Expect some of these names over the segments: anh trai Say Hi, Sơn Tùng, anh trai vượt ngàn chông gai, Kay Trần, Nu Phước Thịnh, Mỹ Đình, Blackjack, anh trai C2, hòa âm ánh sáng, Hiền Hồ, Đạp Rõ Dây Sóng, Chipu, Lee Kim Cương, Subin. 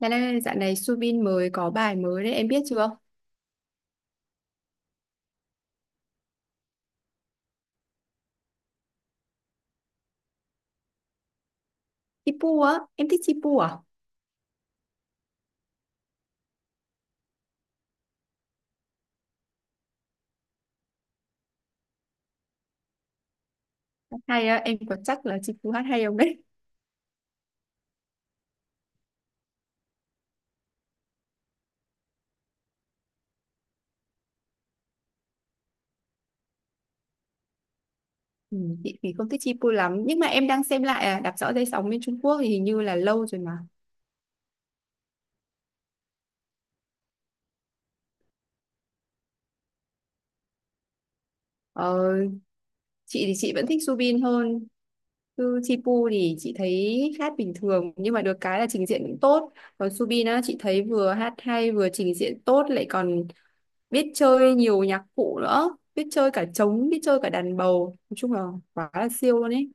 Bạn ơi, dạo này Subin mới có bài mới đấy, em biết chưa? Chipu á, em thích Chipu à? Hát Hay á, em có chắc là Chipu hát hay không đấy? Ừ, chị thì không thích Chipu lắm, nhưng mà em đang xem lại à, Đạp Rõ Dây Sóng bên Trung Quốc thì hình như là lâu rồi mà. Ờ, chị thì chị vẫn thích Subin hơn, chứ Chipu thì chị thấy hát bình thường, nhưng mà được cái là trình diễn cũng tốt. Còn Subin á, chị thấy vừa hát hay, vừa trình diễn tốt, lại còn biết chơi nhiều nhạc cụ nữa, biết chơi cả trống, biết chơi cả đàn bầu. Nói chung là quá là siêu luôn ấy.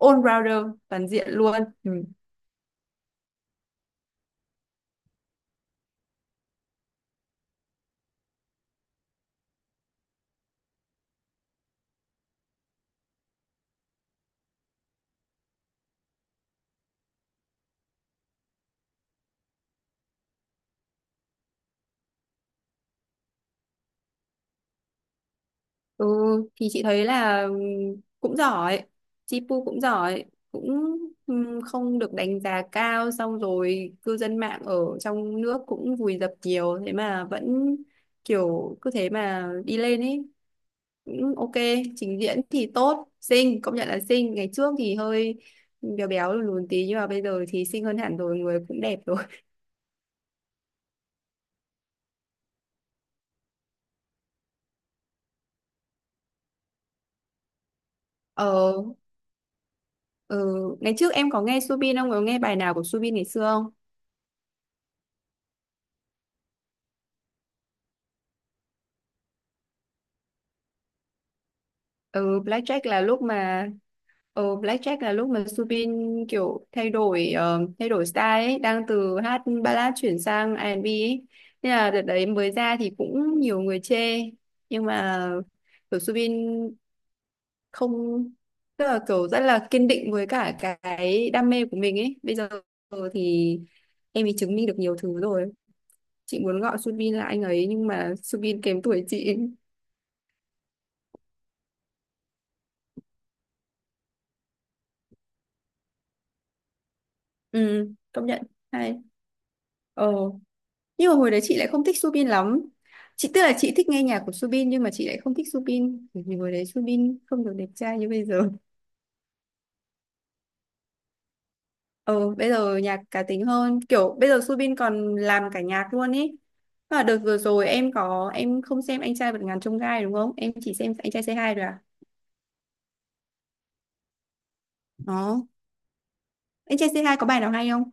All rounder toàn diện luôn. Ừ. Ừ, thì chị thấy là ừ, cũng giỏi, Chipu cũng giỏi cũng không được đánh giá cao, xong rồi cư dân mạng ở trong nước cũng vùi dập nhiều thế mà vẫn kiểu cứ thế mà đi lên ấy, cũng ok. Trình diễn thì tốt, xinh, công nhận là xinh, ngày trước thì hơi béo béo lùn lùn tí nhưng mà bây giờ thì xinh hơn hẳn rồi, người cũng đẹp rồi. Ờ. Ừ, ngày trước em có nghe Subin không? Có nghe bài nào của Subin ngày xưa không? Ừ, Blackjack là lúc mà Blackjack là lúc mà Subin kiểu thay đổi thay đổi style ấy, đang từ hát ballad chuyển sang R&B ấy. Nên là đợt đấy mới ra thì cũng nhiều người chê nhưng mà kiểu Subin không, tức là kiểu rất là kiên định với cả cái đam mê của mình ấy. Bây giờ thì em ấy chứng minh được nhiều thứ rồi. Chị muốn gọi Subin là anh ấy nhưng mà Subin kém tuổi chị. Ừ, công nhận hay. Ờ, nhưng mà hồi đấy chị lại không thích Subin lắm. Chị tức là chị thích nghe nhạc của Subin nhưng mà chị lại không thích Subin bởi vì hồi đấy Subin không được đẹp trai như bây giờ. Ờ, bây giờ nhạc cá tính hơn, kiểu bây giờ Subin còn làm cả nhạc luôn ý. À, đợt vừa rồi em có, em không xem anh trai vượt ngàn chông gai đúng không? Em chỉ xem anh trai C2 rồi à? Đó. Anh trai C2 có bài nào hay không?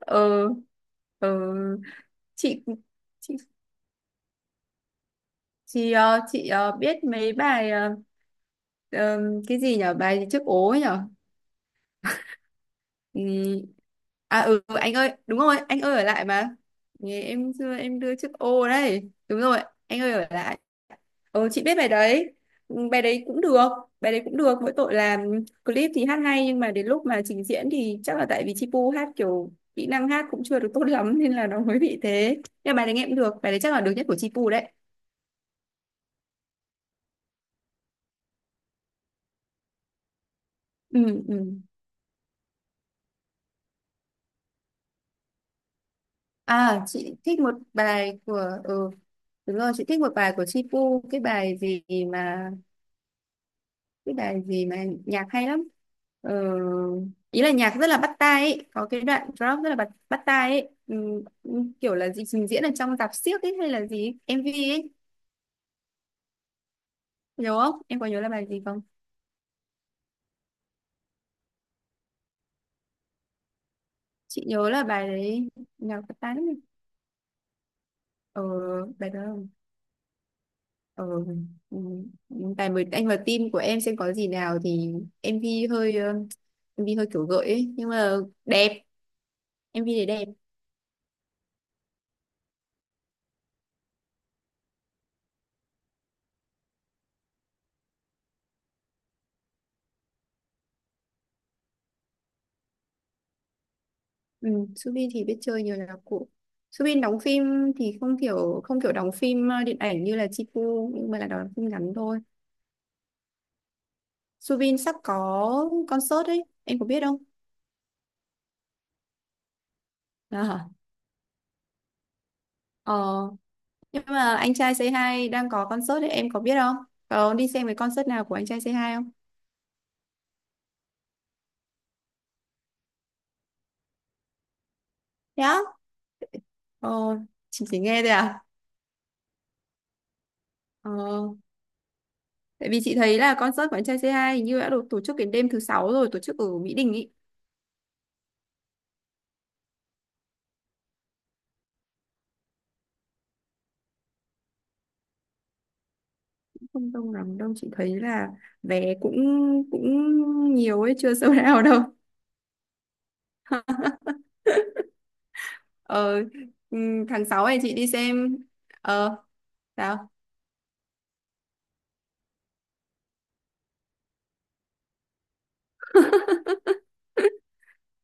Ờ, ờ chị chị biết mấy bài ờ, cái gì nhở, bài gì trước ố ấy nhở. Ừ. À ừ, anh ơi, đúng rồi, anh ơi ở lại mà. Nghe em xưa em đưa trước ô đấy, đúng rồi, anh ơi ở lại. Ừ, chị biết bài đấy. Ừ, bài đấy cũng được, mỗi tội là clip thì hát hay nhưng mà đến lúc mà trình diễn thì chắc là tại vì Chi Pu hát kiểu kỹ năng hát cũng chưa được tốt lắm nên là nó mới bị thế, nhưng mà bài đấy nghe cũng được, bài đấy chắc là được nhất của Chi Pu đấy. Ừ, ừ. À, chị thích một bài của đúng rồi, chị thích một bài của Chi Pu, cái bài gì mà nhạc hay lắm, ờ, ý là nhạc rất là bắt tai ấy, có cái đoạn drop rất là bắt bắt tai ấy, ừ, kiểu là gì trình diễn ở trong rạp xiếc ấy hay là gì ấy, MV ấy. Nhớ không, em có nhớ là bài gì không? Chị nhớ là bài đấy nhạc bắt tai lắm. Ờ, bài đó. Ờ, ừ, tài mời anh vào team của em xem có gì nào thì em vi hơi kiểu gợi ấy nhưng mà đẹp, em vi thì đẹp. Ừ, Subin thì biết chơi nhiều là cụ. Subin đóng phim thì không kiểu đóng phim điện ảnh như là Chipu, nhưng mà là đóng phim ngắn thôi. Subin sắp có concert ấy, em có biết không? À, ờ, nhưng mà anh trai Say Hi đang có concert đấy, em có biết không? Có đi xem cái concert nào của anh trai Say Hi không? Dạ. Ờ, chị chỉ nghe thôi à. Ờ. Tại vì chị thấy là concert của anh trai c hai hình như đã được tổ chức đến đêm thứ 6 rồi, tổ chức ở Mỹ Đình ý. Không đông lắm đâu, chị thấy là vé cũng cũng nhiều ấy, chưa sold out đâu. Ờ, tháng 6 này chị đi xem. Ờ, sao?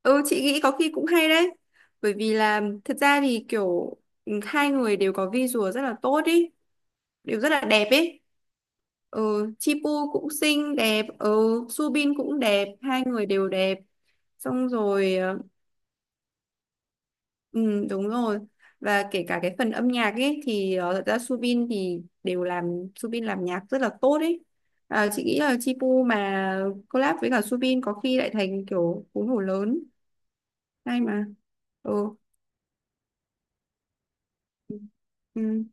Ừ, chị nghĩ có khi cũng hay đấy. Bởi vì là thật ra thì kiểu hai người đều có visual rất là tốt ý, đều rất là đẹp ý. Ừ, Chipu cũng xinh đẹp, ừ, Subin cũng đẹp, hai người đều đẹp. Xong rồi ờ, ừ, đúng rồi, và kể cả cái phần âm nhạc ấy thì ờ, thật ra Subin làm nhạc rất là tốt ấy. À, chị nghĩ là Chipu mà collab với cả Subin có khi lại thành kiểu cú nổ lớn hay mà. Ừ. Ừ. Ừ.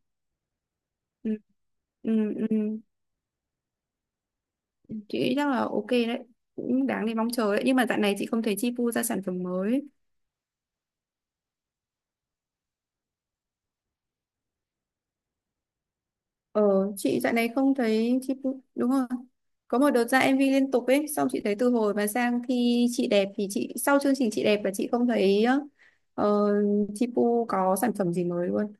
Ừ. Ừ. Ừ. Chị nghĩ chắc là ok đấy, cũng đáng để mong chờ đấy, nhưng mà tại này chị không thấy Chipu ra sản phẩm mới. Ờ, chị dạo này không thấy chị, đúng rồi. Có một đợt ra MV liên tục ấy, xong chị thấy từ hồi mà sang khi chị đẹp thì chị sau chương trình chị đẹp là chị không thấy ờ, chị Pu có sản phẩm gì mới luôn.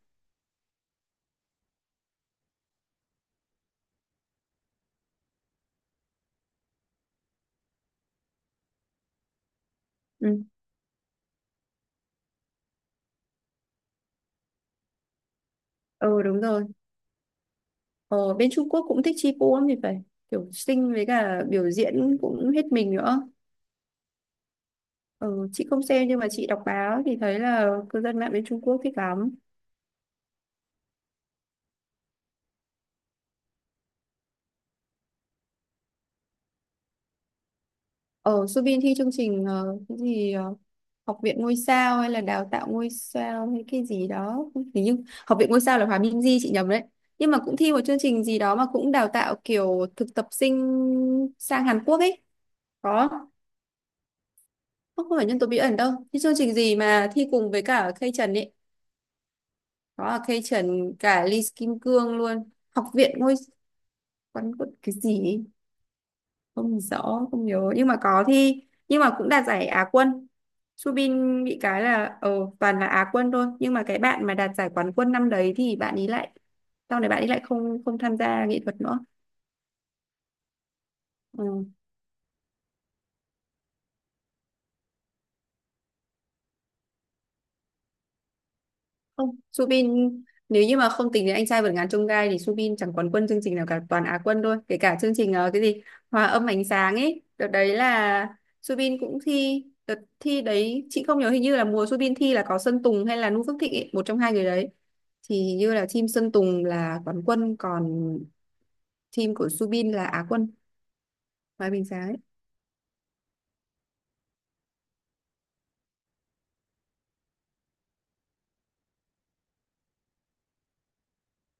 Ừ, ờ đúng rồi. Ờ, bên Trung Quốc cũng thích chị Pu lắm thì phải. Kiểu xinh với cả biểu diễn cũng hết mình nữa. Ờ, chị không xem nhưng mà chị đọc báo thì thấy là cư dân mạng bên Trung Quốc thích lắm. Ở Subin thi chương trình cái gì học viện ngôi sao hay là đào tạo ngôi sao hay cái gì đó, hình như học viện ngôi sao là Hòa Minh Di, chị nhầm đấy, nhưng mà cũng thi một chương trình gì đó mà cũng đào tạo kiểu thực tập sinh sang Hàn Quốc ấy. Có, không không phải nhân tố bí ẩn đâu, thi chương trình gì mà thi cùng với cả Kay Trần ấy. Có là Kay Trần cả Lee Kim Cương luôn, học viện ngôi, quán quận cái gì ấy? Không rõ, không nhớ, nhưng mà có thi, nhưng mà cũng đạt giải Á quân. Subin bị cái là toàn là Á quân thôi, nhưng mà cái bạn mà đạt giải quán quân năm đấy thì bạn ấy lại sau này bạn ấy lại không không tham gia nghệ thuật nữa. Ừ. Không, Subin nếu như mà không tính đến anh trai vượt ngàn chông gai thì Subin chẳng quán quân chương trình nào cả, toàn Á quân thôi, kể cả chương trình cái gì hòa âm ánh sáng ấy, đợt đấy là Subin cũng thi đợt thi đấy chị không nhớ, hình như là mùa Subin thi là có Sơn Tùng hay là Nu Phước Thịnh ấy, một trong hai người đấy, thì hình như là team Sơn Tùng là quán quân còn team của Subin là Á quân, hòa âm ánh sáng ấy.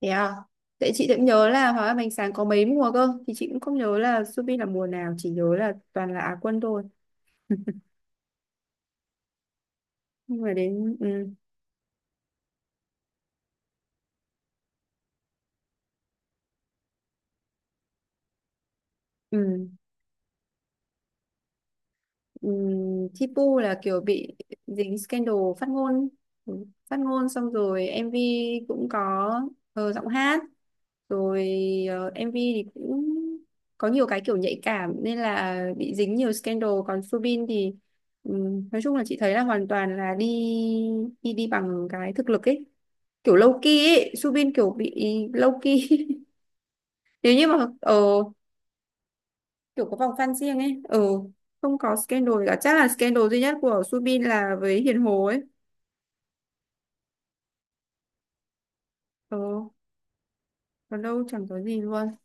Thế à, tại chị cũng nhớ là hòa âm ánh sáng có mấy mùa cơ thì chị cũng không nhớ là Subin là mùa nào, chỉ nhớ là toàn là Á quân thôi, nhưng mà đến ừ, ừ, ừ, Thipu là kiểu bị dính scandal phát ngôn, ừ, phát ngôn xong rồi em MV cũng có, ờ, giọng hát rồi, ờ, MV thì cũng có nhiều cái kiểu nhạy cảm nên là bị dính nhiều scandal, còn Subin thì ừ, nói chung là chị thấy là hoàn toàn là đi đi đi bằng cái thực lực ấy, kiểu low key ấy, Subin kiểu bị low key. Nếu như mà ờ, kiểu có vòng fan riêng ấy, ừ, không có scandal gì cả, chắc là scandal duy nhất của Subin là với Hiền Hồ ấy. Ừ, còn đâu chẳng có gì luôn.